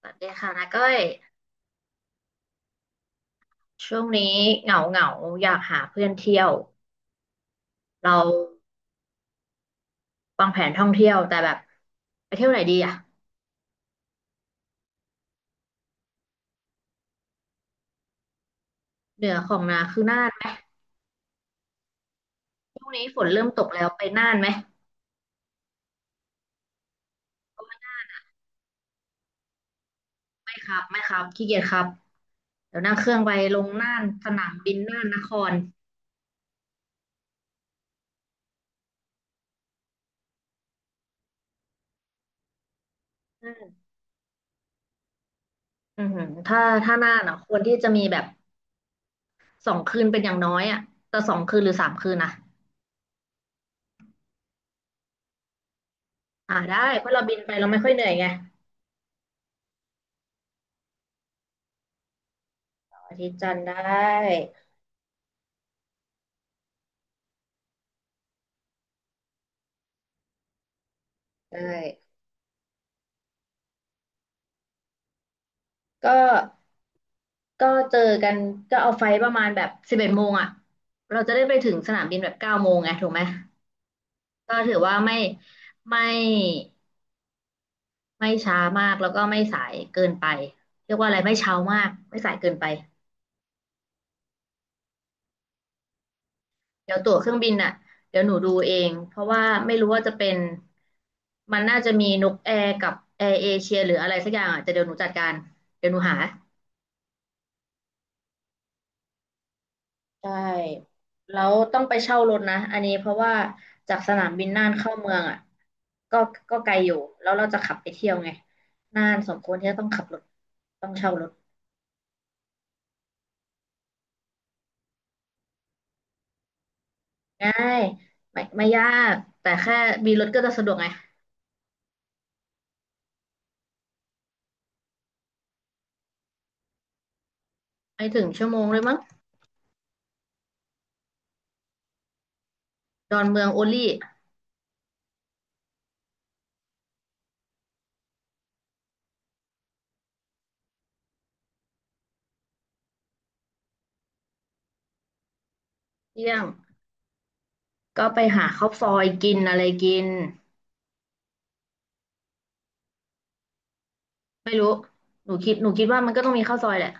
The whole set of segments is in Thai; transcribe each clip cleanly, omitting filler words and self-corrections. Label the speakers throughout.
Speaker 1: สวัสดีค่ะนาก้อยช่วงนี้เหงาเหงาอยากหาเพื่อนเที่ยวเราวางแผนท่องเที่ยวแต่แบบไปเที่ยวไหนดีอ่ะเหนือของนาคือน่านไหมนี้ฝนเริ่มตกแล้วไปน่านไหมไม่ครับไม่ครับขี้เกียจครับเดี๋ยวนั่งเครื่องไปลงน่านสนามบินน่านนครอืมอือหือถ้าน่านอ่ะควรที่จะมีแบบสองคืนเป็นอย่างน้อยอ่ะแต่สองคืนหรือ3 คืนนะอ่าได้เพราะเราบินไปเราไม่ค่อยเหนื่อยไงอาทิตย์จันทร์ได้ได้ ก็ก็เจอกันก็เอาไฟประมาณแบบ11 โมงอ่ะเราจะได้ไปถึงสนามบินแบบ9 โมงไงถูกไหมก็ถือว่าไม่ไม่ช้ามากแล้วก็ไม่สายเกินไปเรียกว่าอะไรไม่เช้ามากไม่สายเกินไปเดี๋ยวตั๋วเครื่องบินอ่ะเดี๋ยวหนูดูเองเพราะว่าไม่รู้ว่าจะเป็นมันน่าจะมีนกแอร์กับแอร์เอเชียหรืออะไรสักอย่างอ่ะแต่เดี๋ยวหนูจัดการเดี๋ยวหนูหา ใช่แล้วต้องไปเช่ารถนะ อันนี้เพราะว่าจากสนามบินน่านเข้าเมืองอ่ะก็ไกลอยู่ แล้วเราจะขับไปเที่ยวไงน่านสมควรที่จะต้องขับรถต้องเช่ารถง่ายไม่ยาก แต่แค่มีรถก็จะสะดวกไงไม่ถึงชั่วโมงเลยมั้งดอนเมืองโอลี่เที่ยงก็ไปหาข้าวซอยกินอะไรกินหนูคิดว่ามันก็ต้องมีข้าวซอยแหละ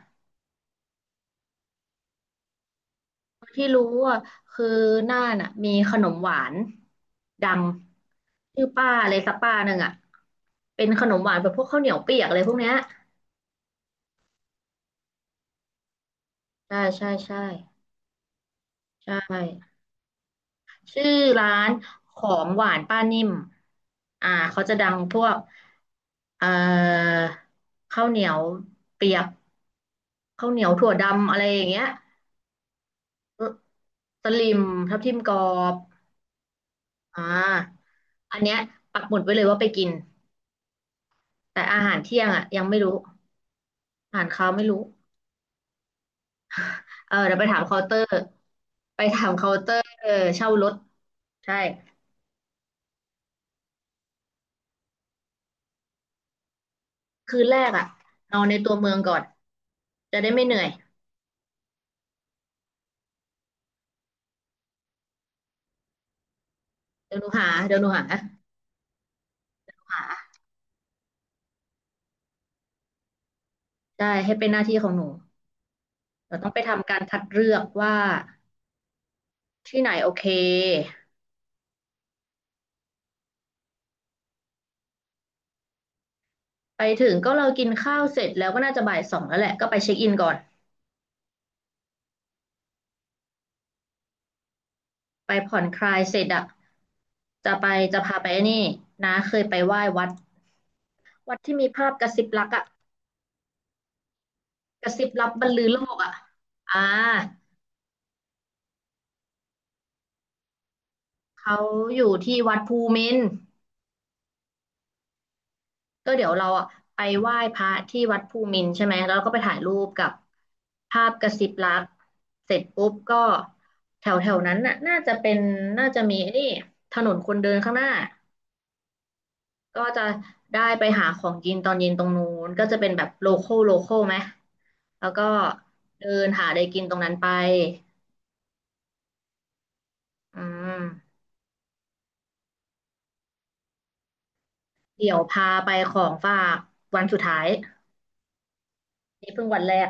Speaker 1: ที่รู้อ่ะคือน่านอ่ะมีขนมหวานดังชื่อป้าอะไรสักป้าหนึ่งอ่ะเป็นขนมหวานแบบพวกข้าวเหนียวเปียกอะไรพวกเนี้ยใช่ใช่ใช่ใช่ชื่อร้านของหวานป้านิ่มอ่าเขาจะดังพวกเอ่อข้าวเหนียวเปียกข้าวเหนียวถั่วดำอะไรอย่างเงี้ยเออสลิมทับทิมกรอบอ่าอันเนี้ยปักหมุดไว้เลยว่าไปกิน แต่อาหารเที่ยงอ่ะยังไม่รู้อาหารเช้าไม่รู้ เออเดี๋ยวไปถามเคาน์เตอร์ไปถามเคาน์เตอร์เช่ารถใช่คืนแรกอ่ะนอนในตัวเมืองก่อนจะได้ไม่เหนื่อยเดี๋ยวหนูหาเดี๋ยวหนูหาหาได้ให้เป็นหน้าที่ของหนูเราต้องไปทำการคัดเลือกว่าที่ไหนโอเคไปถึงก็เรากินข้าวเสร็จแล้วก็น่าจะบ่าย 2แล้วแหละก็ไปเช็คอินก่อนไปผ่อนคลายเสร็จอ่ะจะไปจะพาไปไอ้นี่นะเคยไปไหว้วัดวัดที่มีภาพกระซิบรักอ่ะ กระซิบรับบรรลือโลกอ่ะอ่าเขาอยู่ที่วัดภูมินทร์ก็เดี๋ยวเราอ่ะไปไหว้พระที่วัดภูมินทร์ใช่ไหมแล้วเราก็ไปถ่ายรูปกับภาพกระซิบรักเสร็จปุ๊บก็แถวแถวนั้นน่ะน่าจะเป็นน่าจะมีไอ้นี่ถนนคนเดินข้างหน้าก็จะได้ไปหาของกินตอนเย็นตรงนู้นก็จะเป็นแบบโลคอลโลคอลไหม แล้วก็เดินหาอะไรกินตรงนั้นไปอืมเดี๋ยวพาไปของฝากวันสุดท้าย นี่เพิ่งวันแรก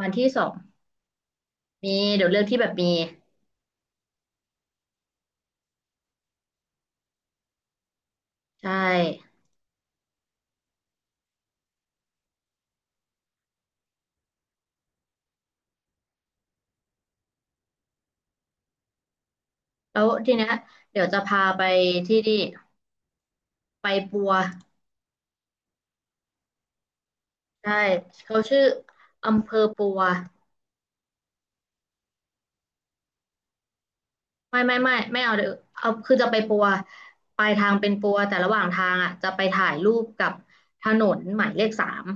Speaker 1: วันที่สองมีเดี๋ยวเรืองที่แบบมีใช่แล้วทีเนี้ยเดี๋ยวจะพาไปที่นี่ไปปัวใช่เขาชื่ออำเภอปัวไม่ไม่ไม่ไม่เอาเดี๋ยวเอาคือจะไปปัวปลายทางเป็นปัวแต่ระหว่างทางอ่ะจะไปถ่ายรูปกับถนนหมายเลขสาม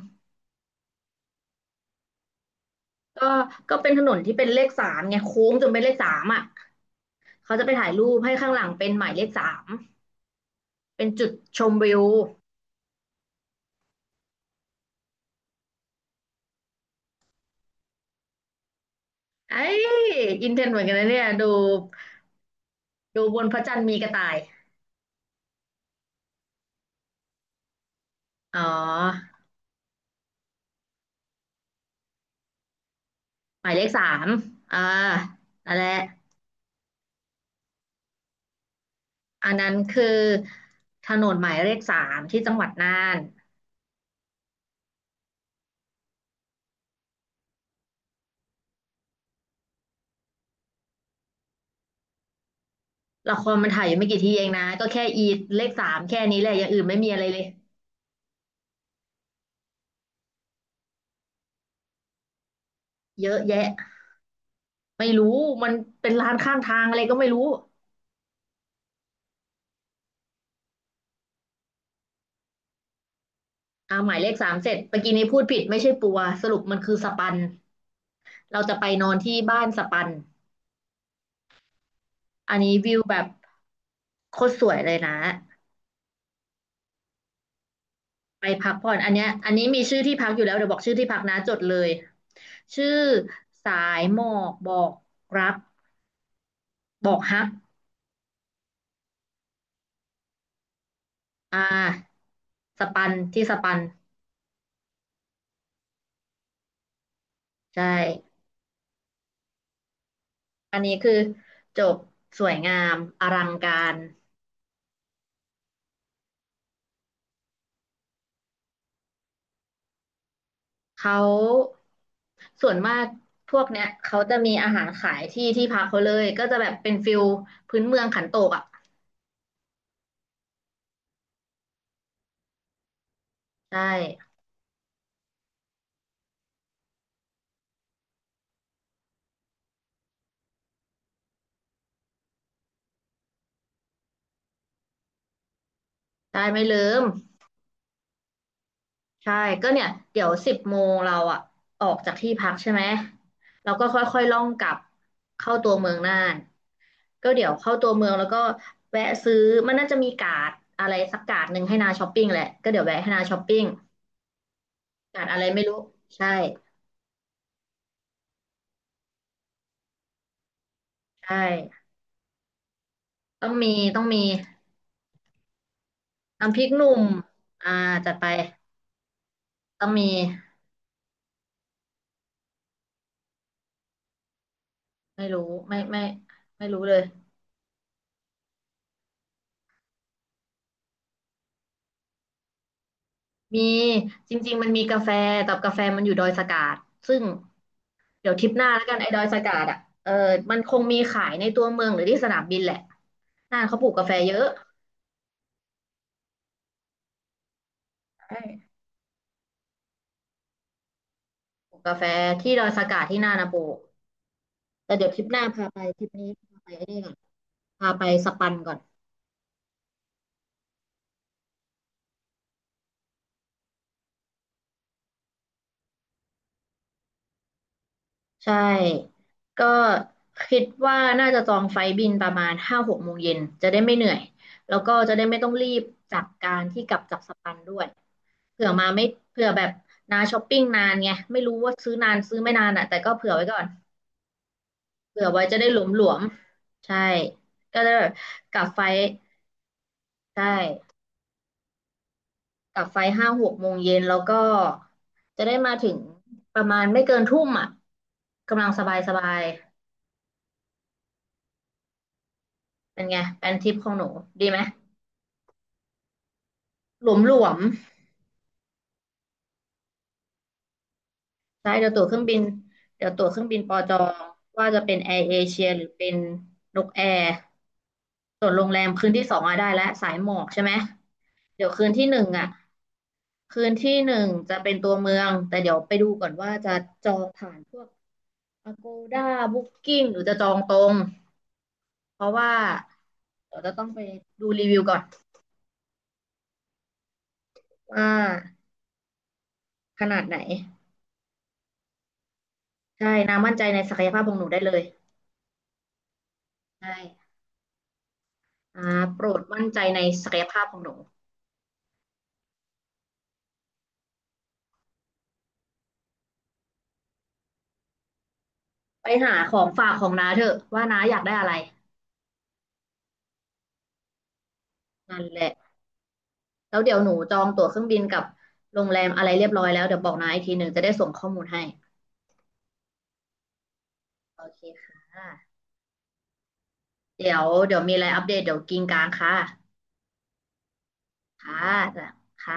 Speaker 1: ก็เป็นถนนที่เป็นเลขสามไงโค้งจนเป็นเลขสามอ่ะเขาจะไปถ่ายรูปให้ข้างหลังเป็นหมายเลขสามเป็นจุดชมวิวไอ้ยอินเทนเหมือนกันนะเนี่ยดู ดูบนพระจันทร์มีกระต่ายอ๋อหมายเลขสามอ่านั่นแหละอันนั้นคือถนนหมายเลขสามที่จังหวัดน่านละครมันถ่ายอยู่ไม่กี่ที่เองนะก็แค่อีเลขสามแค่นี้แหละอย่างอื่นไม่มีอะไรเลย เยอะแยะ ไม่รู้มันเป็นร้านข้างทางอะไรก็ไม่รู้อ่าหมายเลขสามเสร็จเมื่อกี้นี้พูดผิดไม่ใช่ปัวสรุปมันคือสปันเราจะไปนอนที่บ้านสปัน อันนี้วิวแบบโคตรสวยเลยนะ ไปพักผ่อนอันเนี้ยอันนี้มีชื่อที่พักอยู่แล้วเดี๋ยวบอกชื่อที่พักนะจดเลยชื่อสายหมอกบอกรักบอกฮักอ่าสปันที่สปันใช่อันนี้คือจบสวยงามอลังการเขาส่วนมากพวกเนี้ยเขาจะมีอาหารขายที่ที่พักเขาเลยก็จะแบบเป็นฟิลพื้นเมืองขันโตกอ่ะใช่ได้ไม่เลิม ใช่ก็เนี่ยเดี๋ยว10 โมงเราอะออกจากที่พักใช่ไหมเราก็ค่อยๆล่องกลับเข้าตัวเมืองน่านก็เดี๋ยวเข้าตัวเมืองแล้วก็แวะซื้อมันน่าจะมีการ์ดอะไรสักการ์ดหนึ่งให้นาช้อปปิ้งแหละก็เดี๋ยวแวะให้นาช้อปปิ้งการ์ดอะไรไม่รู้ใช่ใช่ต้องมีต้องมีน้ำพริกหนุ่มอ่าจัดไปต้องมีไม่รู้ไม่ไม่ไม่รู้เลยมีจริงๆมันมีกาแฟแต่กาแฟมันอยู่ดอยสะกาดซึ่ง เดี๋ยวทริปหน้าแล้วกันไอ้ดอยสะกาดอ่ะเออมันคงมีขายในตัวเมืองหรือที่สนามบินแหละน่านเขาปลูกกาแฟเยอะใช่ปลูกกาแฟที่ดอยสะกาดที่น่านนะปลูกแต่เดี๋ยวทริปหน้าพาไปทริปนี้พาไปไอ้นี่ก่อนพาไปสปันก่อนใช่ก็คิดว่าน่าจะจองไฟล์บินประมาณห้าหกโมงเย็นจะได้ไม่เหนื่อยแล้วก็จะได้ไม่ต้องรีบจากการที่กลับจากสปันด้วยเผื่อมาไม่เผื่อแบบนาช้อปปิ้งนานไงไม่รู้ว่าซื้อนานซื้อไม่นานอ่ะแต่ก็เผื่อไว้ก่อน เผื่อไว้จะได้หลวมหลวมใช่ ก็ได้แบบกลับไฟท์ใช่กลับไฟท์ห้าหกโมงเย็นแล้วก็จะได้มาถึงประมาณไม่เกินทุ่มอ่ะกำลังสบายสบายเป็นไงเป็นทริปของหนู ดีไหม หลวมหลวม ใช่เดี๋ยวตั๋วเครื่องบินปอจองว่าจะเป็นแอร์เอเชียหรือเป็นนกแอร์ส่วนโรงแรมคืนที่ 2อ่ะได้แล้วสายหมอกใช่ไหมเดี๋ยวคืนที่หนึ่งอ่ะคืนที่หนึ่งจะเป็นตัวเมืองแต่เดี๋ยวไปดูก่อนว่าจะจองผ่านพวก Agoda Booking หรือจะจองตรงเพราะว่าเดี๋ยวจะต้องไปดูรีวิวก่อนว่าขนาดไหนใช่นามั่นใจในศักยภาพของหนูได้เลยใช่อ่าโปรดมั่นใจในศักยภาพของหนู ไปหาของฝากของน้าเถอะว่าน้าอยากได้อะไรนั่นแหละแล้วเดี๋ยวหนูจองตั๋วเครื่องบินกับโรงแรมอะไรเรียบร้อยแล้วเดี๋ยวบอกน้าอีกที 1จะได้ส่งข้อมูลให้โอเคค่ะเดี๋ยวมีอะไรอัปเดตเดี๋ยวกินกลางค่ะค่ะจ้ะค่ะ